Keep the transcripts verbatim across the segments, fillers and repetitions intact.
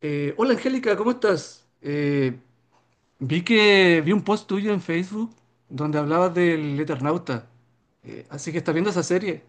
Eh, hola Angélica, ¿cómo estás? Eh, vi que vi un post tuyo en Facebook donde hablabas del Eternauta. Eh, así que estás viendo esa serie.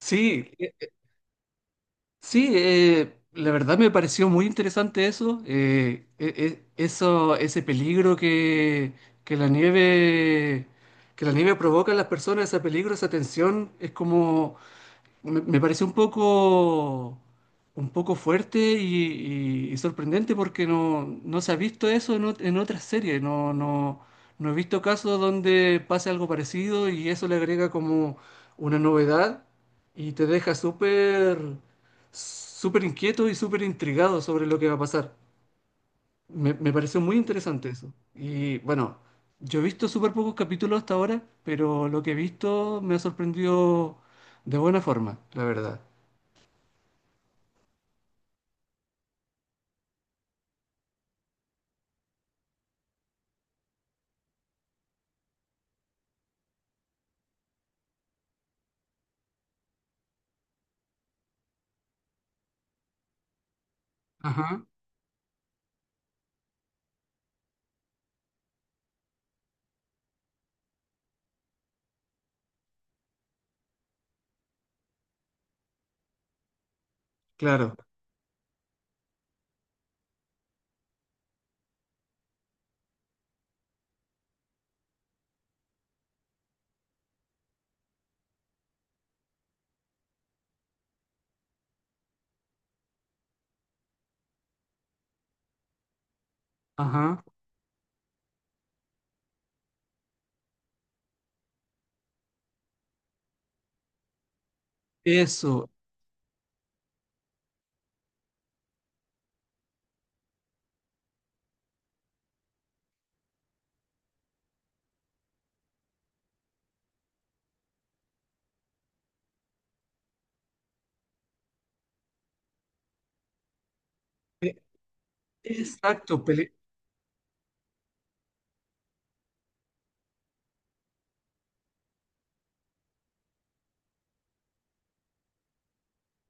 Sí, eh, eh, sí, eh, la verdad me pareció muy interesante eso, eh, e- e- eso, ese peligro que, que la nieve, que la nieve provoca en las personas, ese peligro, esa tensión, es como me, me pareció un poco, un poco fuerte y, y- y sorprendente porque no, no se ha visto eso en, ot- en otras series. No, no, no he visto casos donde pase algo parecido y eso le agrega como una novedad y te deja súper, súper inquieto y súper intrigado sobre lo que va a pasar. Me, me pareció muy interesante eso. Y bueno, yo he visto súper pocos capítulos hasta ahora, pero lo que he visto me ha sorprendido de buena forma, la verdad. Ajá, claro, ajá, eso, e- exacto, pele-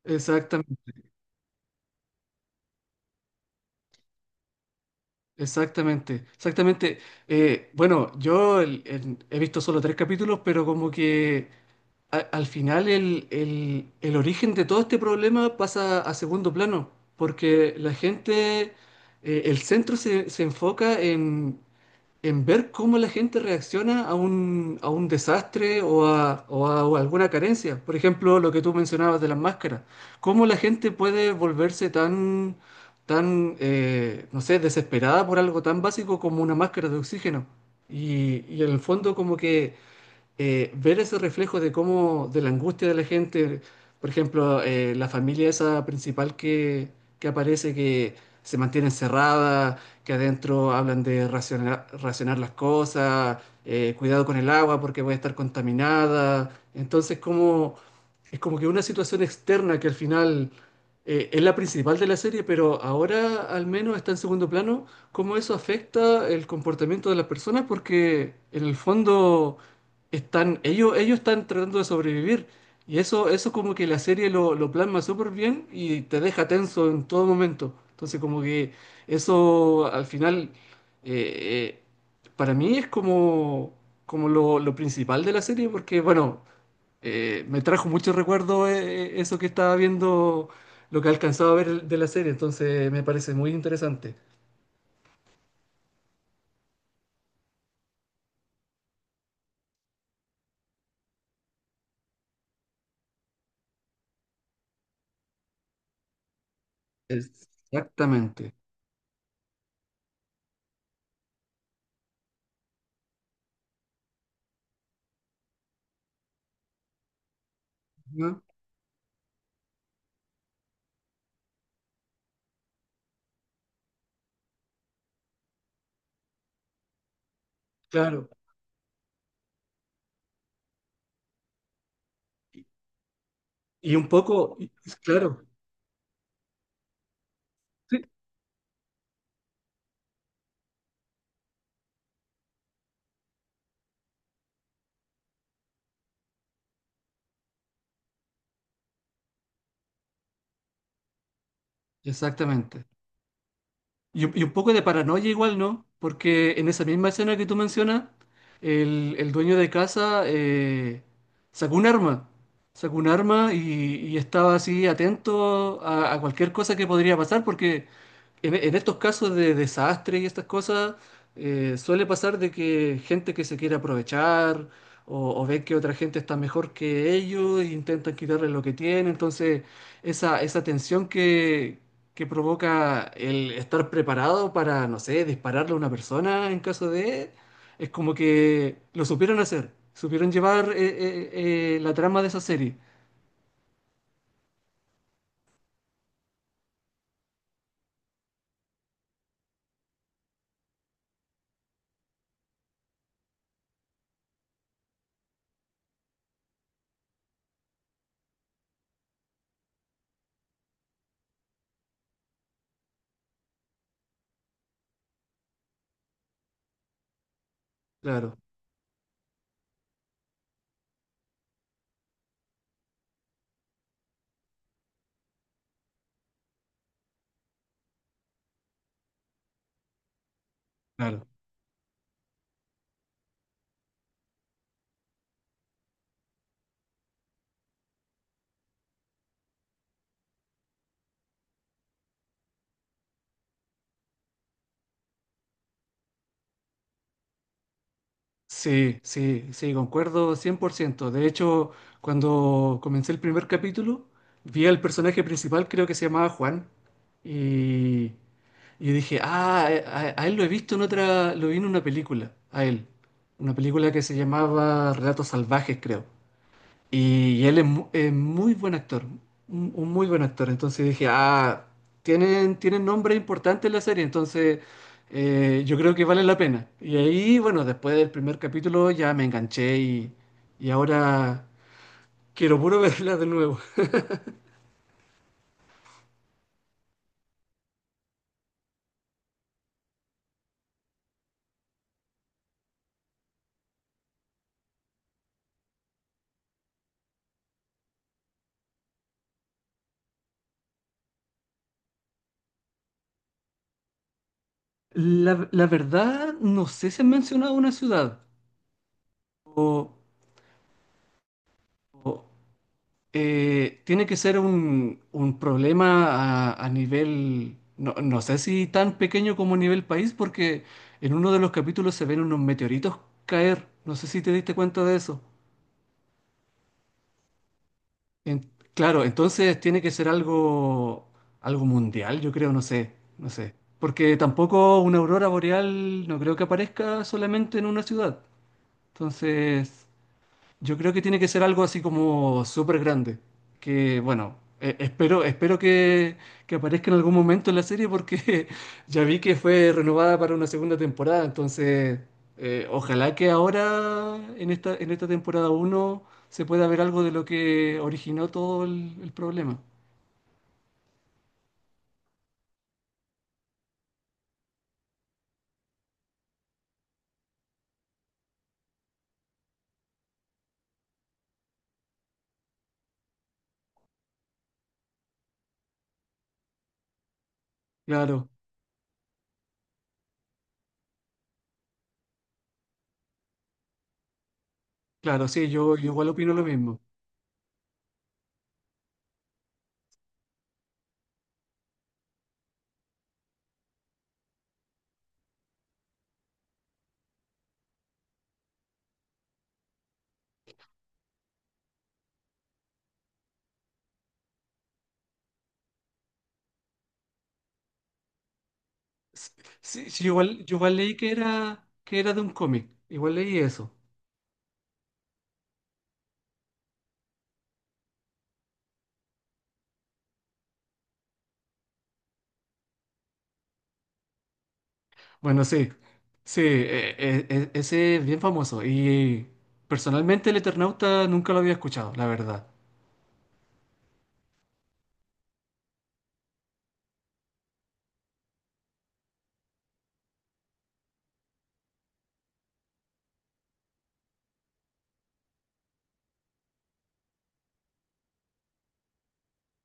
exactamente, exactamente, exactamente. Eh, bueno, yo el- el- he visto solo tres capítulos, pero como que a- al final el, el- el origen de todo este problema pasa a segundo plano, porque la gente, eh, el centro se, se enfoca en en ver cómo la gente reacciona a un, a un desastre o a, o a- o a alguna carencia. Por ejemplo, lo que tú mencionabas de las máscaras. Cómo la gente puede volverse tan, tan, eh, no sé, desesperada por algo tan básico como una máscara de oxígeno. Y, y en el fondo como que eh, ver ese reflejo de cómo, de la angustia de la gente, por ejemplo, eh, la familia esa principal que, que aparece, que se mantiene encerrada, que adentro hablan de racionar, racionar las cosas, eh, cuidado con el agua porque puede estar contaminada. Entonces, ¿cómo, es como que una situación externa que al final eh, es la principal de la serie, pero ahora al menos está en segundo plano, cómo eso afecta el comportamiento de las personas, porque en el fondo están, ellos, ellos están tratando de sobrevivir. Y eso, eso como que la serie lo, lo plasma súper bien y te deja tenso en todo momento. Entonces como que eso al final eh, eh, para mí es como, como lo, lo principal de la serie porque bueno, eh, me trajo muchos recuerdos eh, eh, eso que estaba viendo, lo que alcanzaba a ver de la serie, entonces me parece muy interesante. Exactamente. ¿No? Claro. Y y un poco, y- claro, sí, exactamente. Y, un y un poco de paranoia igual, ¿no? Porque en esa misma escena que tú mencionas, el, el dueño de casa eh, sacó un arma, sacó un arma y, y estaba así atento a, a cualquier cosa que podría pasar, porque En, en estos casos de desastre y estas cosas, eh, suele pasar de que gente que se quiere aprovechar o, o ven que otra gente está mejor que ellos e intentan quitarle lo que tiene. Entonces, esa, esa tensión que, que provoca el estar preparado para, no sé, dispararle a una persona en caso de... Es como que lo supieron hacer, supieron llevar eh, eh, eh, la trama de esa serie. Claro, claro. Sí, sí, sí, concuerdo cien por ciento. De hecho, cuando comencé el primer capítulo, vi al personaje principal, creo que se llamaba Juan, y, y dije, ah, a, a- a él lo he visto en otra, lo vi en una película, a él, una película que se llamaba Relatos Salvajes, creo. Y, y él es, mu- es muy buen actor, un, un muy buen actor. Entonces dije, ah, tienen, tienen nombre importante en la serie, entonces eh, yo creo que vale la pena. Y ahí, bueno, después del primer capítulo ya me enganché y, y ahora quiero puro verla de nuevo. La, la verdad, no sé si han mencionado una ciudad. Eh, tiene que ser un, un problema a, a nivel, no, no sé si tan pequeño como a nivel país, porque en uno de los capítulos se ven unos meteoritos caer. No sé si te diste cuenta de eso. En- claro, entonces tiene que ser algo, algo mundial, yo creo, no sé, no sé. Porque tampoco una aurora boreal no creo que aparezca solamente en una ciudad. Entonces, yo creo que tiene que ser algo así como súper grande. Que bueno, eh, espero, espero que, que aparezca en algún momento en la serie porque ya vi que fue renovada para una segunda temporada. Entonces, eh, ojalá que ahora, en esta, en esta temporada uno se pueda ver algo de lo que originó todo el, el problema. Claro, claro, sí, yo, yo igual opino lo mismo. S- Sí, sí, igual, yo igual leí que era, que era de un cómic. Igual leí eso. Bueno, sí, sí, e- e- e- ese es bien famoso y personalmente el Eternauta nunca lo había escuchado, la verdad.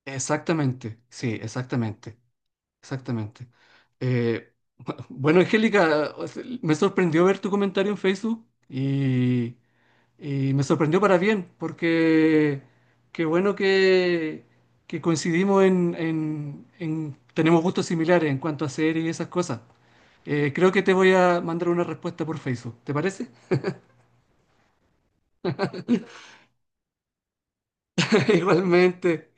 Exactamente, sí, exactamente, exactamente. Eh, bu- bueno, Angélica, o sea, me sorprendió ver tu comentario en Facebook y, y me sorprendió para bien, porque qué bueno que, que coincidimos en, en- en- tenemos gustos similares en cuanto a series y esas cosas. Eh, creo que te voy a mandar una respuesta por Facebook, ¿te parece? Igualmente.